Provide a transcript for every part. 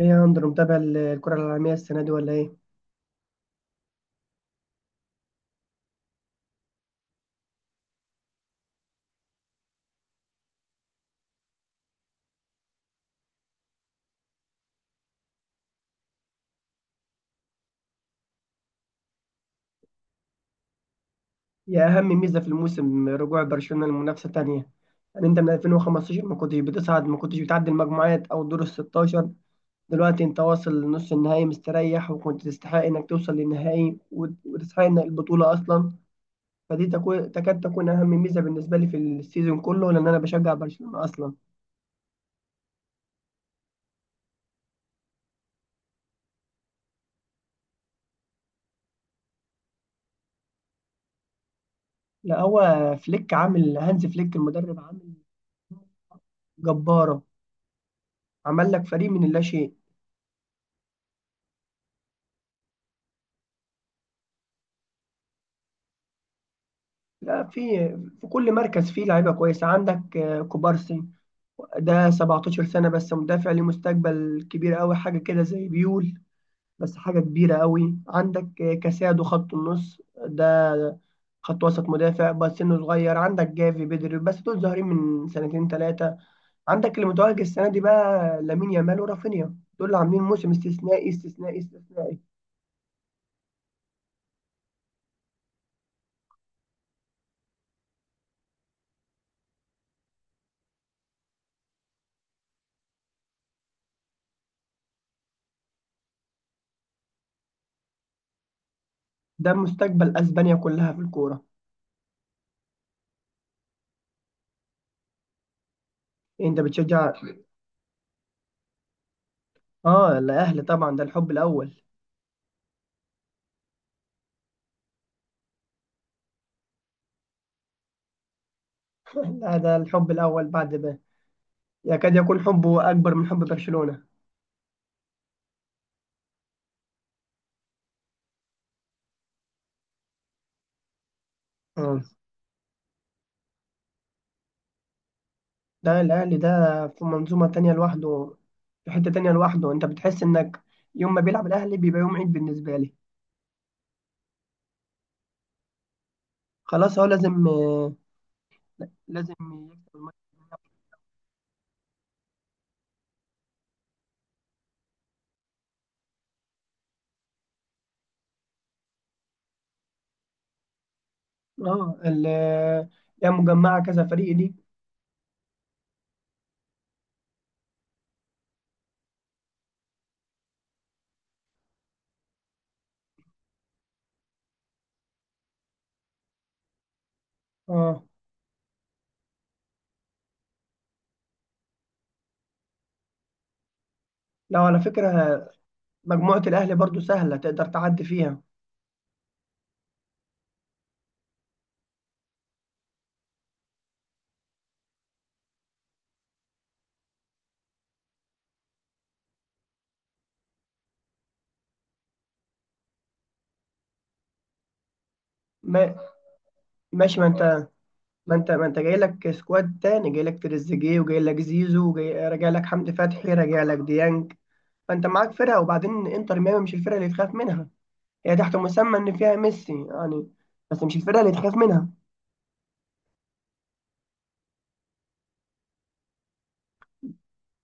ايه يا اندرو، متابع الكرة العالمية السنة دي ولا ايه؟ يا أهم ميزة في الموسم رجوع برشلونة لمنافسة تانية، يعني أنت من 2015 ما كنتش بتصعد، ما كنتش بتعدي المجموعات أو الدور ال 16، دلوقتي أنت واصل لنص النهائي مستريح، وكنت تستحق إنك توصل للنهائي وتستحق إنك البطولة أصلا، فدي تكاد تكون أهم ميزة بالنسبة لي في السيزون كله، لأن أنا بشجع برشلونة أصلا. لا، هو فليك عامل هانز فليك المدرب عامل جبارة، عمل لك فريق من اللاشيء. لا، في كل مركز فيه لعيبه كويسه. عندك كوبارسي، ده 17 سنه بس، مدافع ليه مستقبل كبير قوي، حاجه كده زي بيول، بس حاجه كبيره قوي. عندك كاسادو، خط النص ده، خط وسط مدافع بس سنه صغير. عندك جافي، بدري، بس دول ظاهرين من سنتين ثلاثه. عندك اللي متوهج السنه دي بقى، لامين يامال ورافينيا، دول اللي عاملين موسم استثنائي استثنائي استثنائي. ده مستقبل اسبانيا كلها في الكوره. إيه، انت بتشجع؟ اه، الاهلي طبعا، ده الحب الاول. هذا الحب الأول بعد به، يكاد يكون حبه أكبر من حب برشلونة. آه. ده الأهلي ده، في منظومة تانية لوحده، في حتة تانية لوحده. أنت بتحس إنك يوم ما بيلعب الأهلي بيبقى يوم عيد بالنسبة لي. خلاص، هو لازم يكسب الماتش. اه، هي مجمعة كذا فريق دي. اه، لو على فكرة مجموعة الأهلي برضو سهلة، تقدر تعدي فيها. ما ماشي، ما انت جاي لك سكواد تاني، جاي لك تريزيجيه، وجاي لك زيزو، وجاي راجع لك حمدي فتحي، راجع لك ديانج. فانت معاك فرقه. وبعدين انتر ميامي مش الفرقه اللي تخاف منها، هي تحت مسمى ان فيها ميسي يعني، بس مش الفرقه اللي تخاف منها.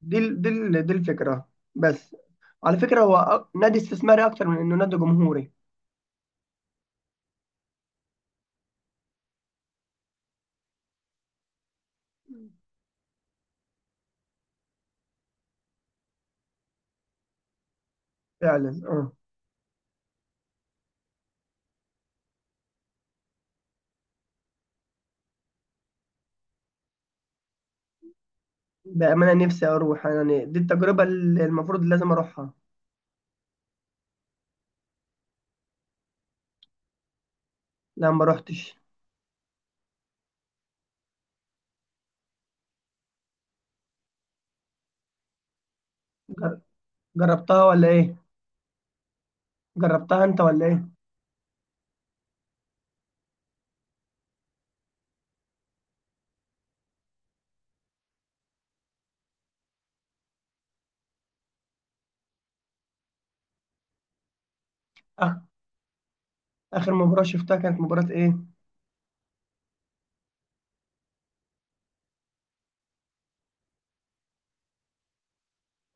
دي الفكره بس. على فكره، هو نادي استثماري اكتر من انه نادي جمهوري. فعلا. اه، بامانه نفسي اروح، يعني دي التجربه اللي المفروض لازم اروحها. لا، ما روحتش. جر- جربتها ولا ايه؟ جربتها انت ولا ايه؟ آخ- اخر مباراه شفتها كانت مباراه ايه؟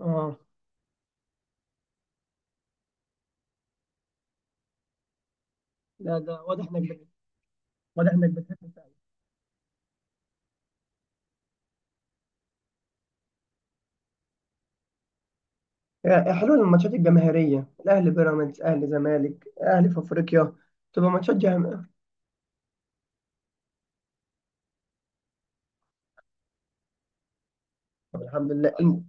اه، لا، ده واضح انك بتحب فعلا. يعني حلو الماتشات الجماهيرية، الأهلي بيراميدز، أهلي زمالك، أهلي في أفريقيا، تبقى طب الحمد لله.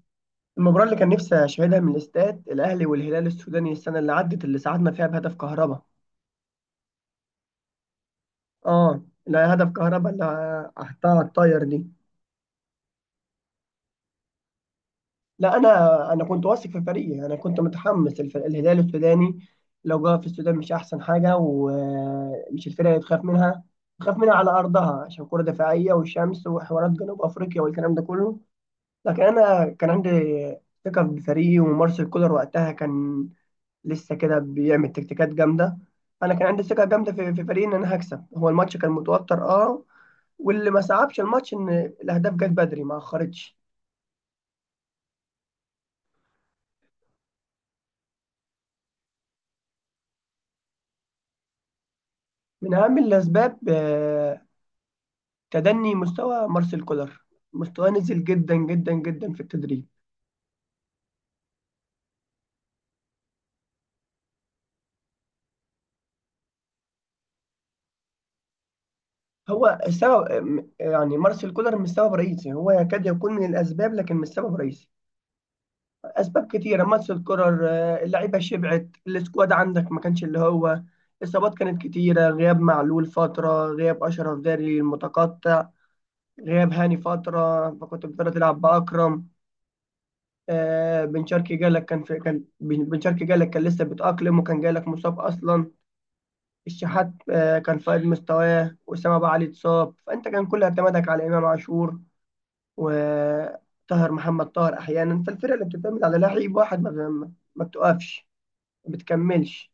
المباراة اللي كان نفسي أشاهدها من الاستاد، الأهلي والهلال السوداني السنة اللي عدت، اللي ساعدنا فيها بهدف كهربا. اه، لا، هدف كهربا اللي حطها على الطاير دي. لا، انا كنت واثق في فريقي. انا كنت متحمس، الهلال السوداني لو جه في السودان مش احسن حاجه، ومش الفرقه اللي تخاف منها، تخاف منها على ارضها عشان كره دفاعيه، والشمس، وحوارات جنوب افريقيا والكلام ده كله. لكن انا كان عندي ثقه بفريقي، ومارسيل كولر وقتها كان لسه كده بيعمل تكتيكات جامده. انا كان عندي ثقه جامده في فريقي ان انا هكسب. هو الماتش كان متوتر اه، واللي ما صعبش الماتش ان الاهداف جت بدري، ما اخرتش. من اهم الاسباب تدني مستوى مارسيل كولر، مستواه نزل جدا جدا جدا في التدريب. هو السبب يعني مارسيل كولر مش سبب رئيسي، هو يكاد يكون من الاسباب لكن مش سبب رئيسي. اسباب كتيره. مارسيل كولر، اللعيبه شبعت السكواد، عندك ما كانش اللي هو اصابات كانت كتيره، غياب معلول فتره، غياب اشرف داري المتقطع، غياب هاني فتره، فكنت بتقدر تلعب باكرم. بن شرقي جالك كان في، كان بن شرقي جالك كان لسه بيتأقلم، وكان جالك مصاب اصلا. الشحات كان في قد مستواه، وأسامة أبو علي اتصاب، فأنت كان كل اعتمادك على إمام عاشور وطاهر محمد طاهر أحيانا. فالفرقة اللي بتعتمد على لعيب واحد ما بتقفش، ما بتكملش.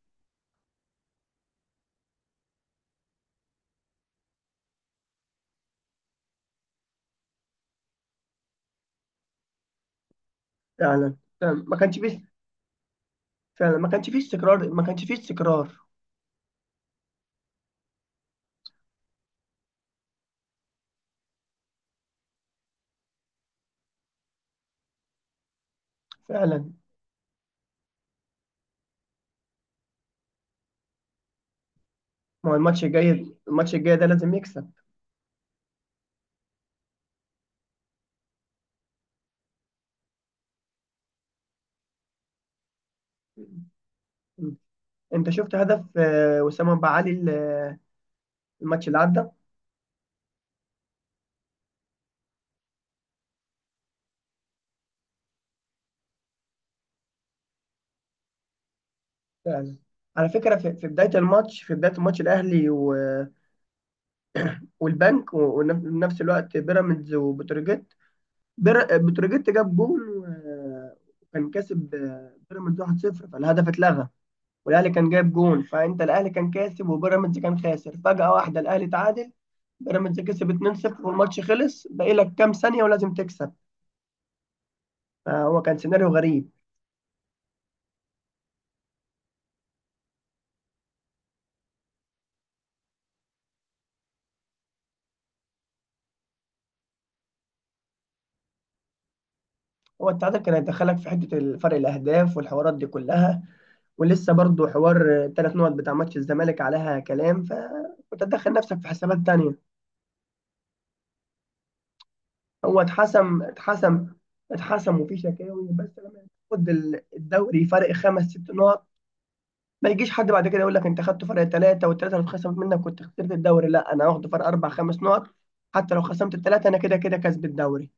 فعلا، فعلا ما كانش فيه، فعلا ما كانش فيه استقرار، ما كانش فيه استقرار. فعلا. ما هو الماتش الجاي ده لازم يكسب. م. أنت شفت هدف وسام أبو علي، الماتش اللي عدى؟ فعلا، على فكرة في بداية الماتش الأهلي والبنك، ونفس الوقت بيراميدز وبتروجيت. بتروجيت جاب جول و- وكان كاسب بيراميدز 1-0، فالهدف اتلغى. والاهلي كان جايب جول، فانت الاهلي كان كاسب وبيراميدز كان خاسر، فجأة واحدة الاهلي تعادل، بيراميدز كسب 2-0 والماتش خلص، باقي لك كام ثانية ولازم تكسب. فهو كان سيناريو غريب. هو التعادل كان هيدخلك في حتة فرق الأهداف والحوارات دي كلها، ولسه برضو حوار ثلاث نقط بتاع ماتش الزمالك عليها كلام، فكنت هتدخل نفسك في حسابات تانية. هو اتحسم، اتحسم اتحسم. وفي شكاوي، بس لما تاخد الدوري فرق خمس ست نقط، ما يجيش حد بعد كده يقول لك انت خدت فرق ثلاثه، والثلاثه اللي اتخصمت منك كنت خسرت الدوري، لا انا هاخد فرق اربع خمس نقط. حتى لو خصمت الثلاثه، انا كده كده كسب الدوري.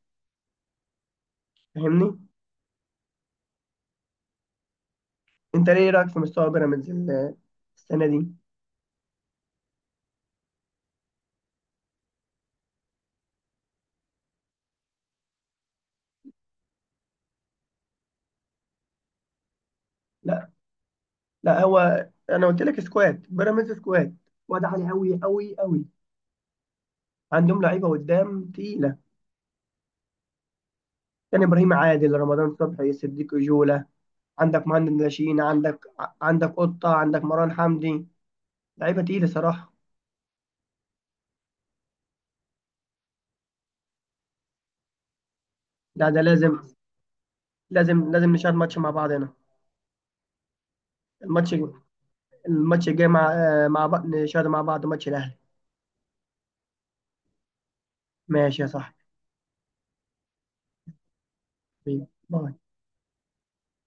فاهمني؟ انت ليه رايك في مستوى بيراميدز السنه دي؟ لا، لا، هو انا قلت لك سكواد بيراميدز، سكواد واد عالي قوي قوي قوي. عندهم لعيبه قدام تقيله، كان ابراهيم عادل، رمضان صبحي، صديق جوله. عندك مهند ناشئين، عندك قطة، عندك مروان حمدي. لعيبة تقيلة صراحة. لا ده لازم. لازم نشاهد ماتش مع بعض هنا. الماتش الماتش الجاي مع بعض، نشاهد مع بعض ماتش الأهلي. ماشي يا صاحبي.